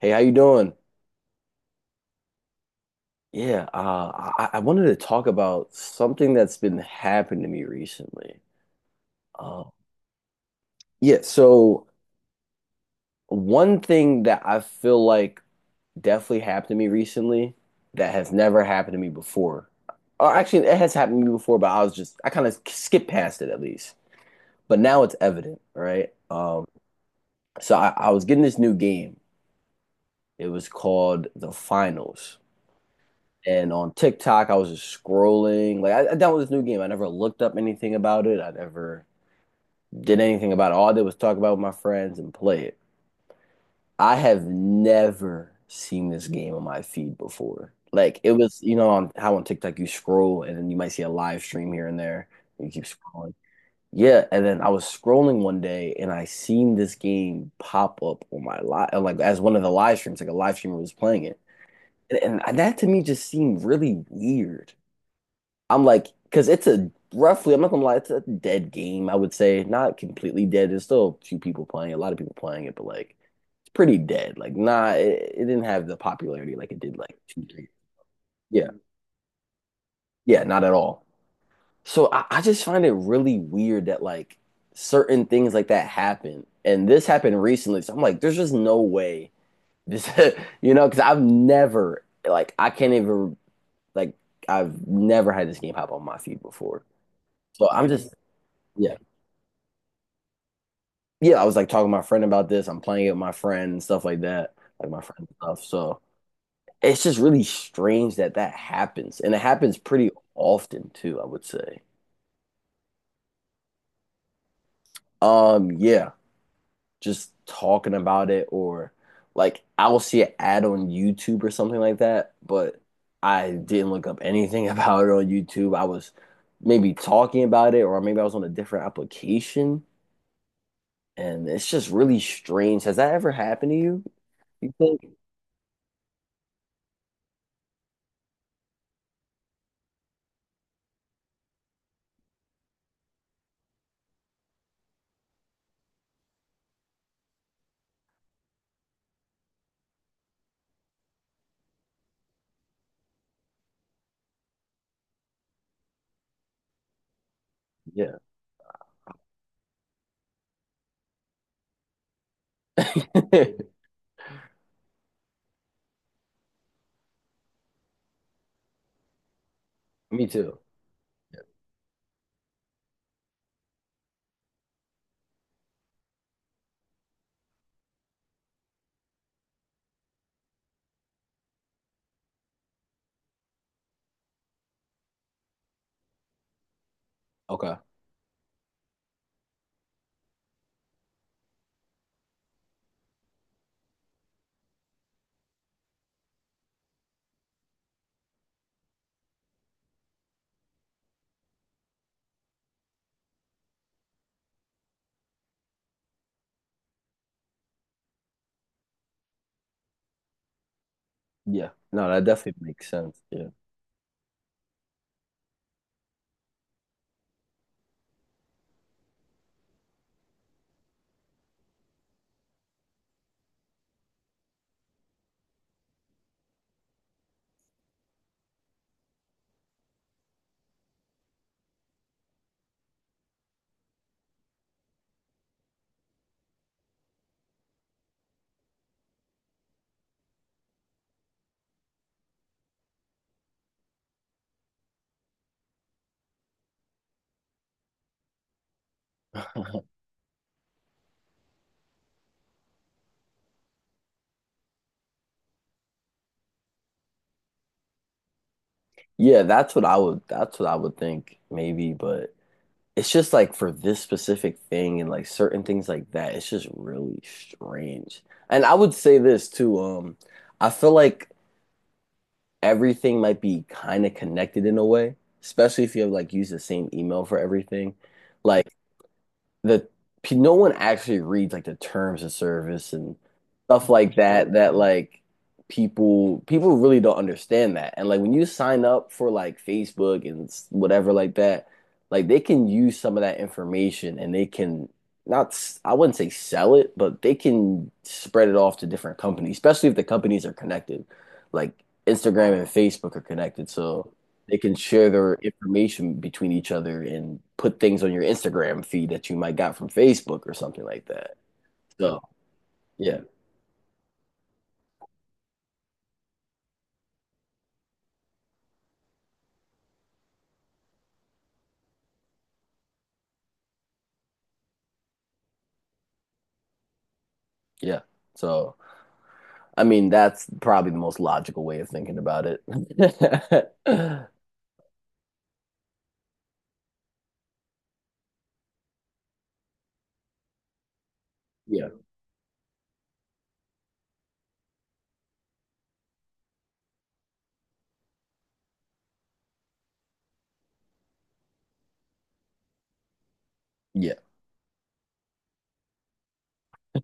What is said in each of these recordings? Hey, how you doing? Yeah, uh, I wanted to talk about something that's been happening to me recently. Uh, yeah, so one thing that I feel like definitely happened to me recently that has never happened to me before. Or actually, it has happened to me before, but I was just I kind of skipped past it at least. But now it's evident, right? So I was getting this new game. It was called The Finals. And on TikTok, I was just scrolling. Like I downloaded this new game. I never looked up anything about it. I never did anything about it. All I did was talk about it with my friends and play it. I have never seen this game on my feed before. Like it was on how on TikTok you scroll and then you might see a live stream here and there. And you keep scrolling. Yeah, and then I was scrolling one day and I seen this game pop up on my live, like as one of the live streams, like a live streamer was playing it. And that to me just seemed really weird. I'm like, because it's a roughly, I'm not gonna lie, it's a dead game, I would say. Not completely dead. There's still a few people playing, it, a lot of people playing it, but like it's pretty dead. Like, nah, it didn't have the popularity like it did like two, three. Yeah, yeah, not at all. So I just find it really weird that like certain things like that happen. And this happened recently. So I'm like, there's just no way this, because I've never like I can't even like I've never had this game pop on my feed before. So I'm just yeah. Yeah, I was like talking to my friend about this. I'm playing it with my friend and stuff like that, like my friend and stuff. So it's just really strange that that happens, and it happens pretty often too, I would say. Yeah, just talking about it or like I'll see an ad on YouTube or something like that, but I didn't look up anything about it on YouTube. I was maybe talking about it or maybe I was on a different application, and it's just really strange. Has that ever happened to you? You think? Yeah. Me too. Okay. Yeah. No, that definitely makes sense. Yeah. Yeah, that's what I would think maybe, but it's just like for this specific thing and like certain things like that, it's just really strange. And I would say this too. I feel like everything might be kind of connected in a way, especially if you have like use the same email for everything. Like the no one actually reads like the terms of service and stuff like that that like people really don't understand that. And like when you sign up for like Facebook and whatever like that, like they can use some of that information and they can not s- I wouldn't say sell it, but they can spread it off to different companies, especially if the companies are connected, like Instagram and Facebook are connected. So they can share their information between each other and put things on your Instagram feed that you might got from Facebook or something like that. So, yeah, yeah. So, I mean, that's probably the most logical way of thinking about it. Yeah, yeah.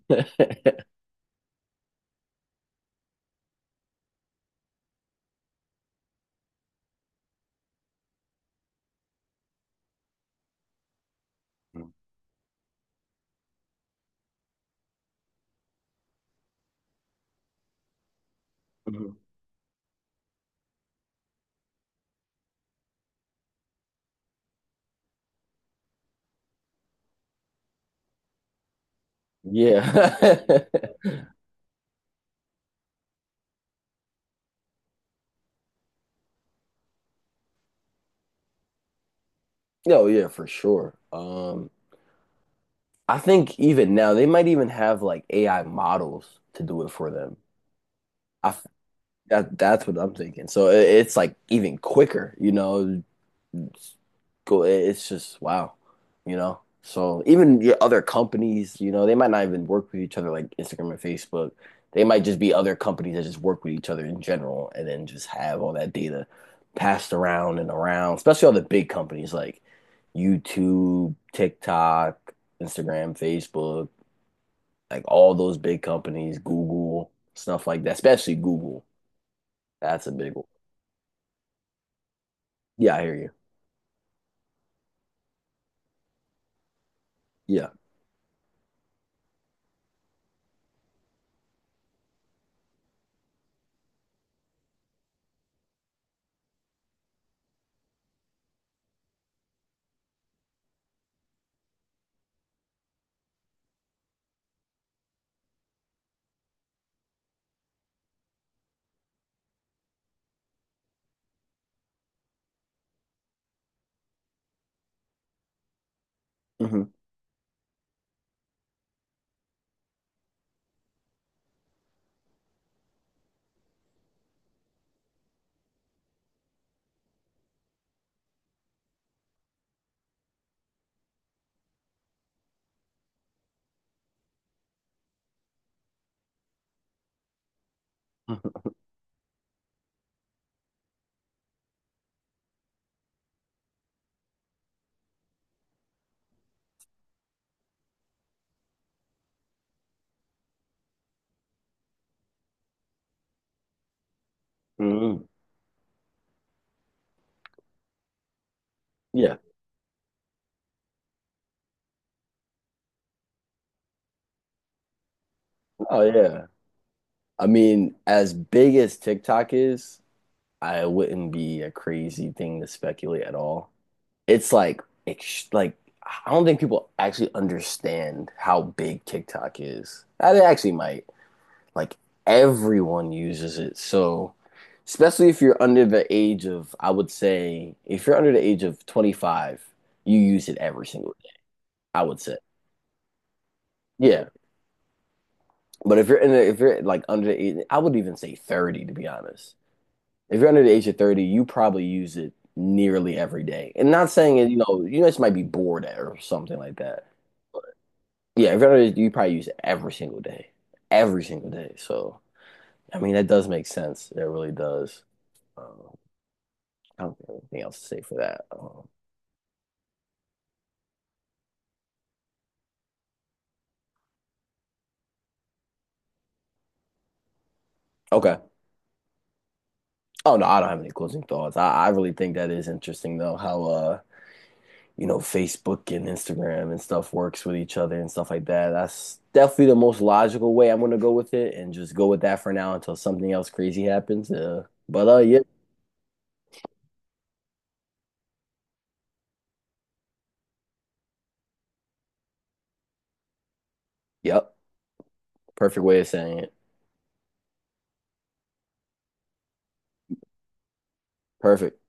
Yeah. No, yeah, for sure. I think even now they might even have like AI models to do it for them. I f- that's what I'm thinking. So it's like even quicker, you know, it's go it's just wow, you know. So even your other companies, you know, they might not even work with each other, like Instagram and Facebook, they might just be other companies that just work with each other in general and then just have all that data passed around and around, especially all the big companies like YouTube, TikTok, Instagram, Facebook, like all those big companies, Google, stuff like that, especially Google, that's a big one. Yeah, I hear you. Yeah. Hmm. Hmm. Yeah. Oh yeah. I mean, as big as TikTok is, I wouldn't be a crazy thing to speculate at all. It's like, ex like I don't think people actually understand how big TikTok is. Ah, they actually might. Like everyone uses it. So, especially if you're under the age of, I would say, if you're under the age of 25, you use it every single day, I would say. Yeah. But if you're in a, if you're like under the age, I would even say 30 to be honest. If you're under the age of 30, you probably use it nearly every day. And not saying it, you know, you just might be bored or something like that. Yeah, if you're under, you probably use it every single day. Every single day. So, I mean, that does make sense. It really does. Um, I don't have anything else to say for that. Okay. Oh, no, I don't have any closing thoughts. I really think that is interesting, though, how you know, Facebook and Instagram and stuff works with each other and stuff like that. That's definitely the most logical way I'm gonna go with it and just go with that for now until something else crazy happens. But yeah, yep, perfect way of saying it. Perfect.